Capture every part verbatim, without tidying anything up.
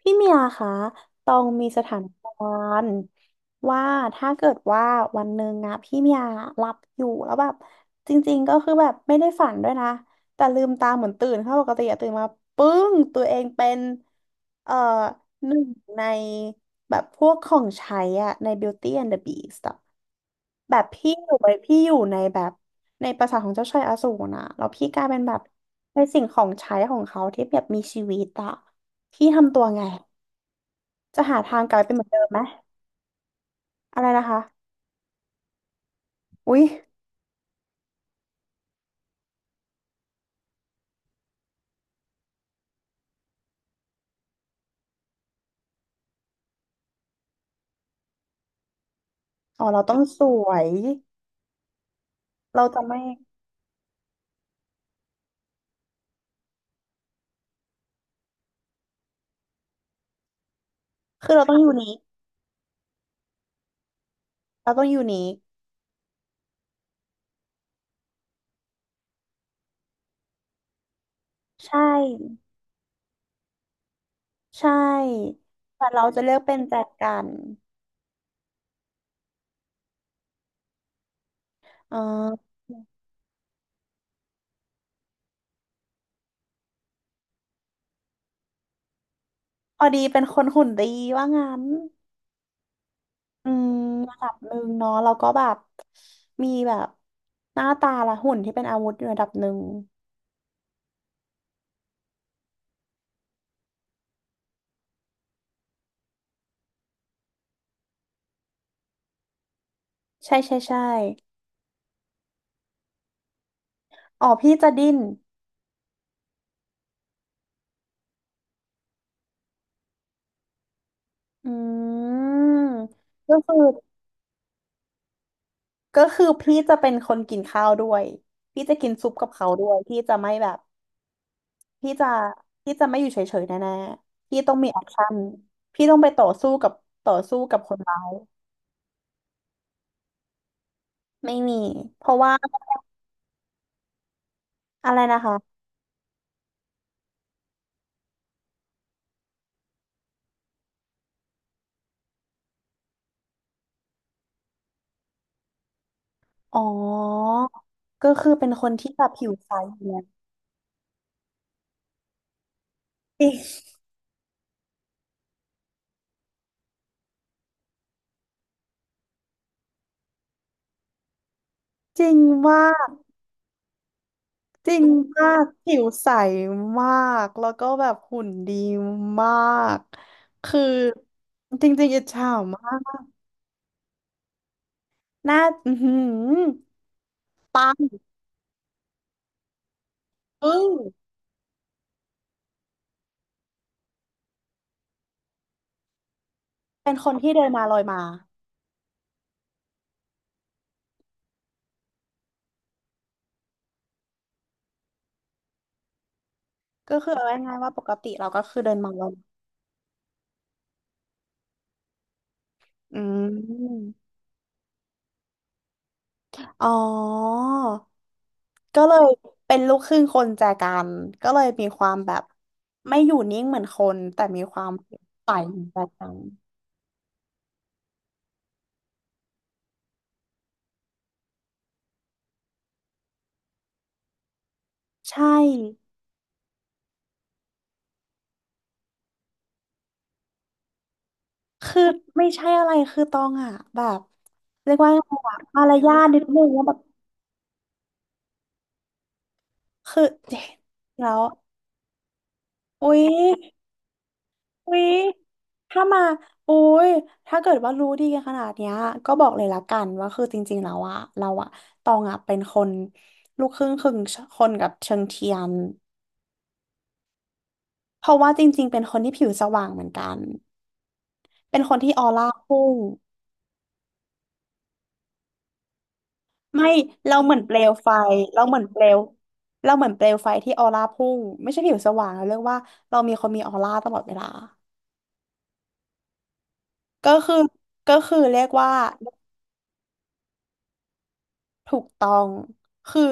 พี่เมียคะตองมีสถานการณ์ว่าถ้าเกิดว่าวันหนึ่งอะพี่เมียหลับอยู่แล้วแบบจริงๆก็คือแบบไม่ได้ฝันด้วยนะแต่ลืมตาเหมือนตื่นค่ะปกติอะตื่นมาปึ้งตัวเองเป็นเอ่อหนึ่งในแบบพวกของใช้อะใน Beauty and the Beast อะแบบพี่อยู่ไปพี่อยู่ในแบบในปราสาทของเจ้าชายอสูรนะแล้วพี่กลายเป็นแบบในสิ่งของใช้ของเขาที่แบบมีชีวิตอะพี่ทำตัวไง จะหาทางกลายเป็นเหมือนเดิมไหมอะไรนะคะอุ๊ยอ๋อเราต้องสวยเราจะไม่คือเราต้องยูนิคเราต้องยูนิคใช่ใช่แต่เราจะเลือกเป็นแจกันอ่าพอดีเป็นคนหุ่นดีว่างั้นอืมระดับหนึ่งเนาะเราก็แบบมีแบบหน้าตาและหุ่นที่เป็นอาวุธอยู่ระดับหนึ่งใช่ใช่ใช่อ๋อพี่จะดิ้นอืมก็คือ ก็คือพี่จะเป็นคนกินข้าวด้วยพี่จะกินซุปกับเขาด้วยพี่จะไม่แบบพี่จะพี่จะไม่อยู่เฉยๆแน่ๆพี่ต้องมีแอคชั่นพี่ต้องไปต่อสู้กับต่อสู้กับคนร้ายไม่มีเพราะว่าอะไรนะคะอ๋อก็คือเป็นคนที่แบบผิวใสเนี่ยจริงจริงมากจริงมากผิวใสมากแล้วก็แบบหุ่นดีมากคือจริงๆอิจฉามากหน้าอือหือปัง เฮ้ยเป็นคนที่เดินมาลอยมาก็คือเอาง่ายๆว่าปกติเราก็คือเดินมาลอยมาอืมอ๋อก็เลยเป็นลูกครึ่งคนแจกันก็เลยมีความแบบไม่อยู่นิ่งเหมือนคนแต่มีความใสเหมือนแจกันใช่คือไม่ใช่อะไรคือตองอ่ะแบบเรียกว่าไงอะมารยาทนิดนึงว่าแบบคือเจ๊แล้วอุ๊ย อุ๊ยถ้ามาอุ๊ยถ้าเกิดว่ารู้ดีขนาดเนี้ยก็บอกเลยละกันว่าคือจริงๆแล้วอะเราอะตองอะเป็นคนลูกครึ่งครึ่งคนกับเชิงเทียนเพราะว่าจริงๆเป็นคนที่ผิวสว่างเหมือนกันเป็นคนที่ออร่าพุ่งไม่เราเหมือนเปลวไฟเราเหมือนเปลวเราเหมือนเปลวไฟที่ออร่าพุ่งไม่ใช่ผิวสว่างเราเรียกว่าเรามีคนมีออร่าตลอดเวลาก็คือก็คือเรียกว่าถูกต้องคือ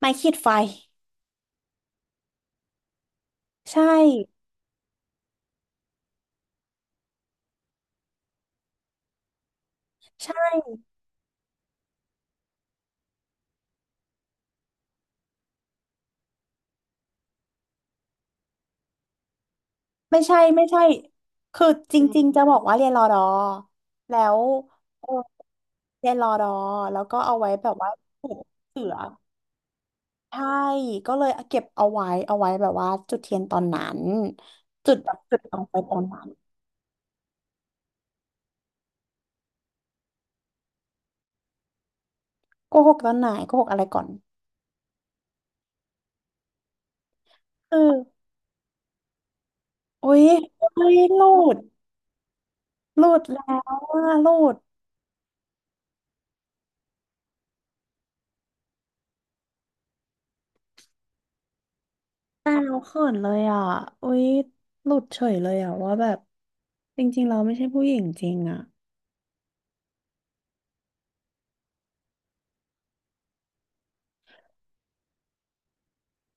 ไม่ขีดไฟ ใช่ใช่ไม่ใช่ไม่ใช่คือจริงๆจะบอกว่าเรียนรอดอแล้วเออเรียนรอดอแล้วก็เอาไว้แบบว่าผูกเสือใช่ก็เลยเก็บเอาไว้เอาไว้แบบว่าจุดเทียนตอนนั้นจุดแบบจุดดวงไฟตอนนั้นโกหกตอนไหนโกหกอะไรก่อนคืออุ้ยเฮ้ยหลุดหลุดแล้วว่าหลุดอ้าวเขินเลยอ่ะอุยหลุดเฉยเลยอ่ะว่าแบบจริงๆเราไม่ใช่ผู้หญิงจริงอ่ะ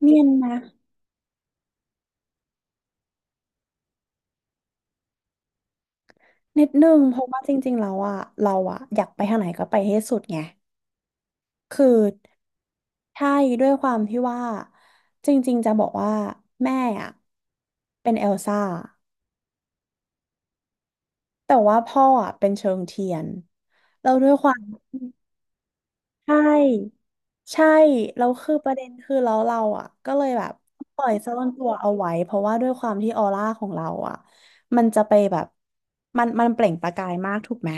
เนียนนะนิดนึงเพราะว่าจริงๆแล้วอะเราอะอยากไปทางไหนก็ไปให้สุดไงคือใช่ด้วยความที่ว่าจริงๆจะบอกว่าแม่อะเป็นเอลซ่าแต่ว่าพ่ออะเป็นเชิงเทียนเราด้วยความ ใช่ใช่แล้วคือประเด็นคือเราเราอ่ะก็เลยแบบปล่อยซ่อนตัวเอาไว้เพราะว่าด้วยความที่ออร่าของเราอ่ะมันจะไปแบบมันมันเปล่งประกายมากถูกไหม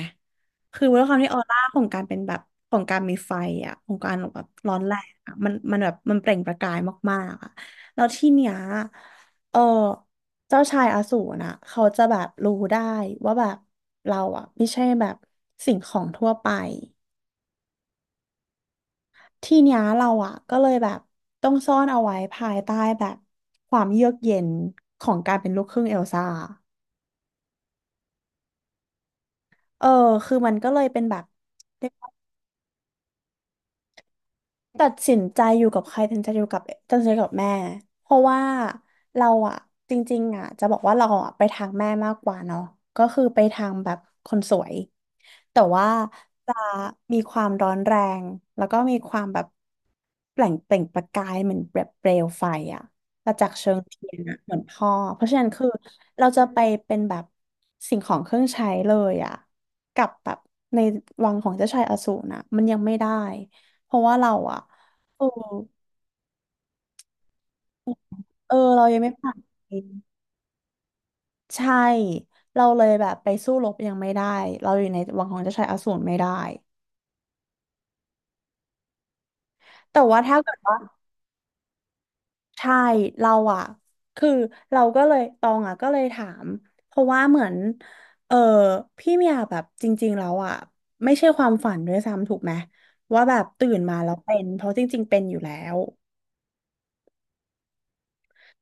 คือด้วยความที่ออร่าของการเป็นแบบของการมีไฟอ่ะของการแบบร้อนแรงอ่ะมันมันแบบมันเปล่งประกายมากๆอ่ะแล้วที่เนี้ยเออเจ้าชายอสูรน่ะเขาจะแบบรู้ได้ว่าแบบเราอ่ะไม่ใช่แบบสิ่งของทั่วไป ทีเนี้ยเราอ่ะก็เลยแบบต้องซ่อนเอาไว้ภายใต้แบบความเยือกเย็นของการเป็นลูกครึ่งเอลซ่าเออคือมันก็เลยเป็นแบบ ตัดสินใจอยู่กับใครตัดสินใจอยู่กับตัดสินใจกับแม่เพราะว่าเราอะจริงๆอะจะบอกว่าเราอะไปทางแม่มากกว่าเนาะก็คือไปทางแบบคนสวยแต่ว่าจะมีความร้อนแรงแล้วก็มีความแบบแปล่งเปล่งประกายเหมือนแบบเปลวไฟอะประจักษ์เชิงเทียนอะเหมือนพ่อเพราะฉะนั้นคือเราจะไปเป็นแบบสิ่งของเครื่องใช้เลยอะกับแบบในวังของเจ้าชายอสูรนะมันยังไม่ได้ เพราะว่าเราอะเออเออเรายังไม่ผ่านเกณฑ์ใช่ เราเลยแบบไปสู้รบยังไม่ได้เราอยู่ในวังของเจ้าชายอสูรไม่ได้แต่ว่าถ้าเกิดว่าใช่เราอะ คือเราก็เลยตองอะก็เลยถามเพราะว่าเหมือนเออพี่เมียแบบจริงๆแล้วอะไม่ใช่ความฝันด้วยซ้ำถูกไหมว่าแบบตื่นมาแล้วเป็น เพราะจริงๆเป็นอยู่แล้ว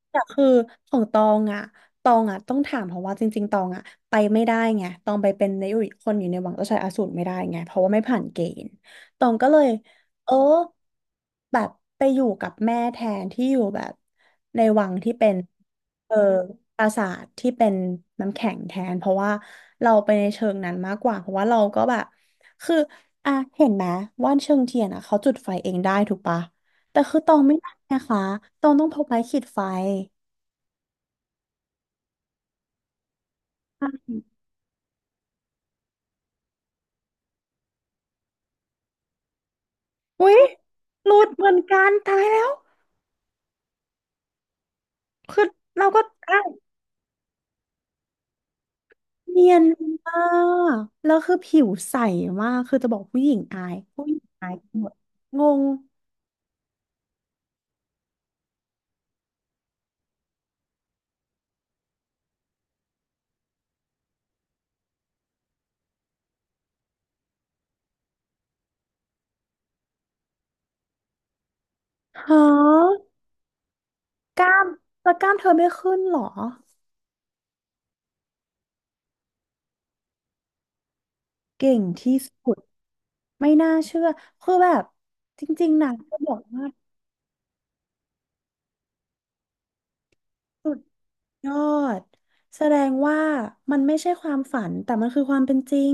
แต่คือของตองอ่ะตองอ่ะต้องถามเพราะว่าจริงๆตองอ่ะไปไม่ได้ไงตองไปเป็นในอยู่คนอยู่ในวังเจ้าชายอสูรไม่ได้ไงเพราะว่าไม่ผ่านเกณฑ์ตองก็เลยเออแบบไปอยู่กับแม่แทนที่อยู่แบบในวังที่เป็นเออปราสาทที่เป็นน้ำแข็งแทนเพราะว่าเราไปในเชิงนั้นมากกว่าเพราะว่าเราก็แบบคืออ่ะเห็นไหมว่านเชิงเทียนอ่ะเขาจุดไฟเองได้ถูกปะแต่คือตองไม่ได้นะคะตองต้องพกไม้ขีดไฟ อุ๊ยหลุดเหมือนกันตายแล้วคือเราก็อ้าวเนียนมากแล้วคือผิวใสมากคือจะบอกผู้หญิงอายผู้หญิงอายหมดงงฮะกล้ามแล้วกล้ามเธอไม่ขึ้นเหรอเก่งที่สุดไม่น่าเชื่อคือแบบจริงๆนะกะบอกว่าสุดยอดแสดงว่ามันไม่ใช่ความฝันแต่มันคือความเป็นจริง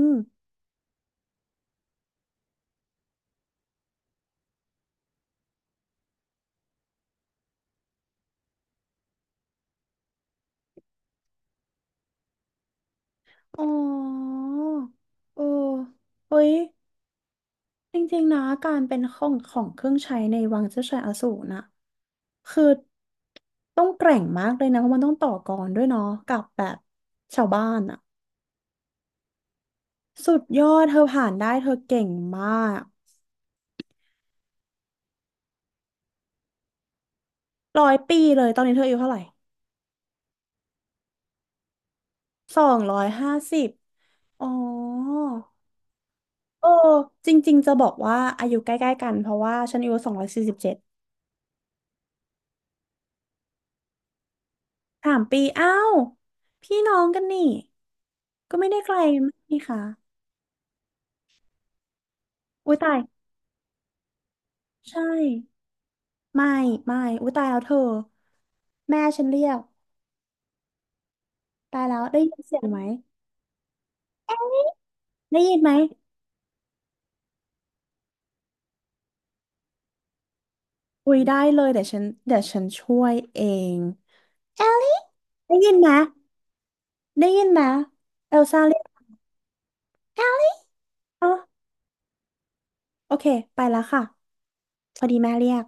อ๋อเออเฮ้ย จริงๆนะการเป็นของของเครื่องใช้ในวังเจ้าชายอสูรน่ะคือต้องแกร่งมากเลยนะเพราะมันต้องต่อกรด้วยเนาะกับแบบชาวบ้านอ่ะสุดยอดเธอผ่านได้เธอเก่งมากร้อยปีเลยตอนนี้เธออายุเท่าไหร่สองร้อยห้าสิบอ๋อเออจริงๆจะบอกว่าอายุใกล้ๆกันเพราะว่าฉันอายุสองร้อยสี่สิบเจ็ดสามปีอ้าวพี่น้องกันนี่ก็ไม่ได้ไกลมากนี่ค่ะอุ้ยตายใช่ ไม่ไม่อุ้ยตายแล้วเธอแม่ฉันเรียกตายแล้วได้ยินเสียงไหมได้ยินไหมอุ้ยได้เลยเดี๋ยวฉันเดี๋ยวฉันช่วยเองได้ยินไหมได้ยินไหมเอลซ่าเรียกอ๋อโอเคไปแล้วค่ะพอดีแม่เรียก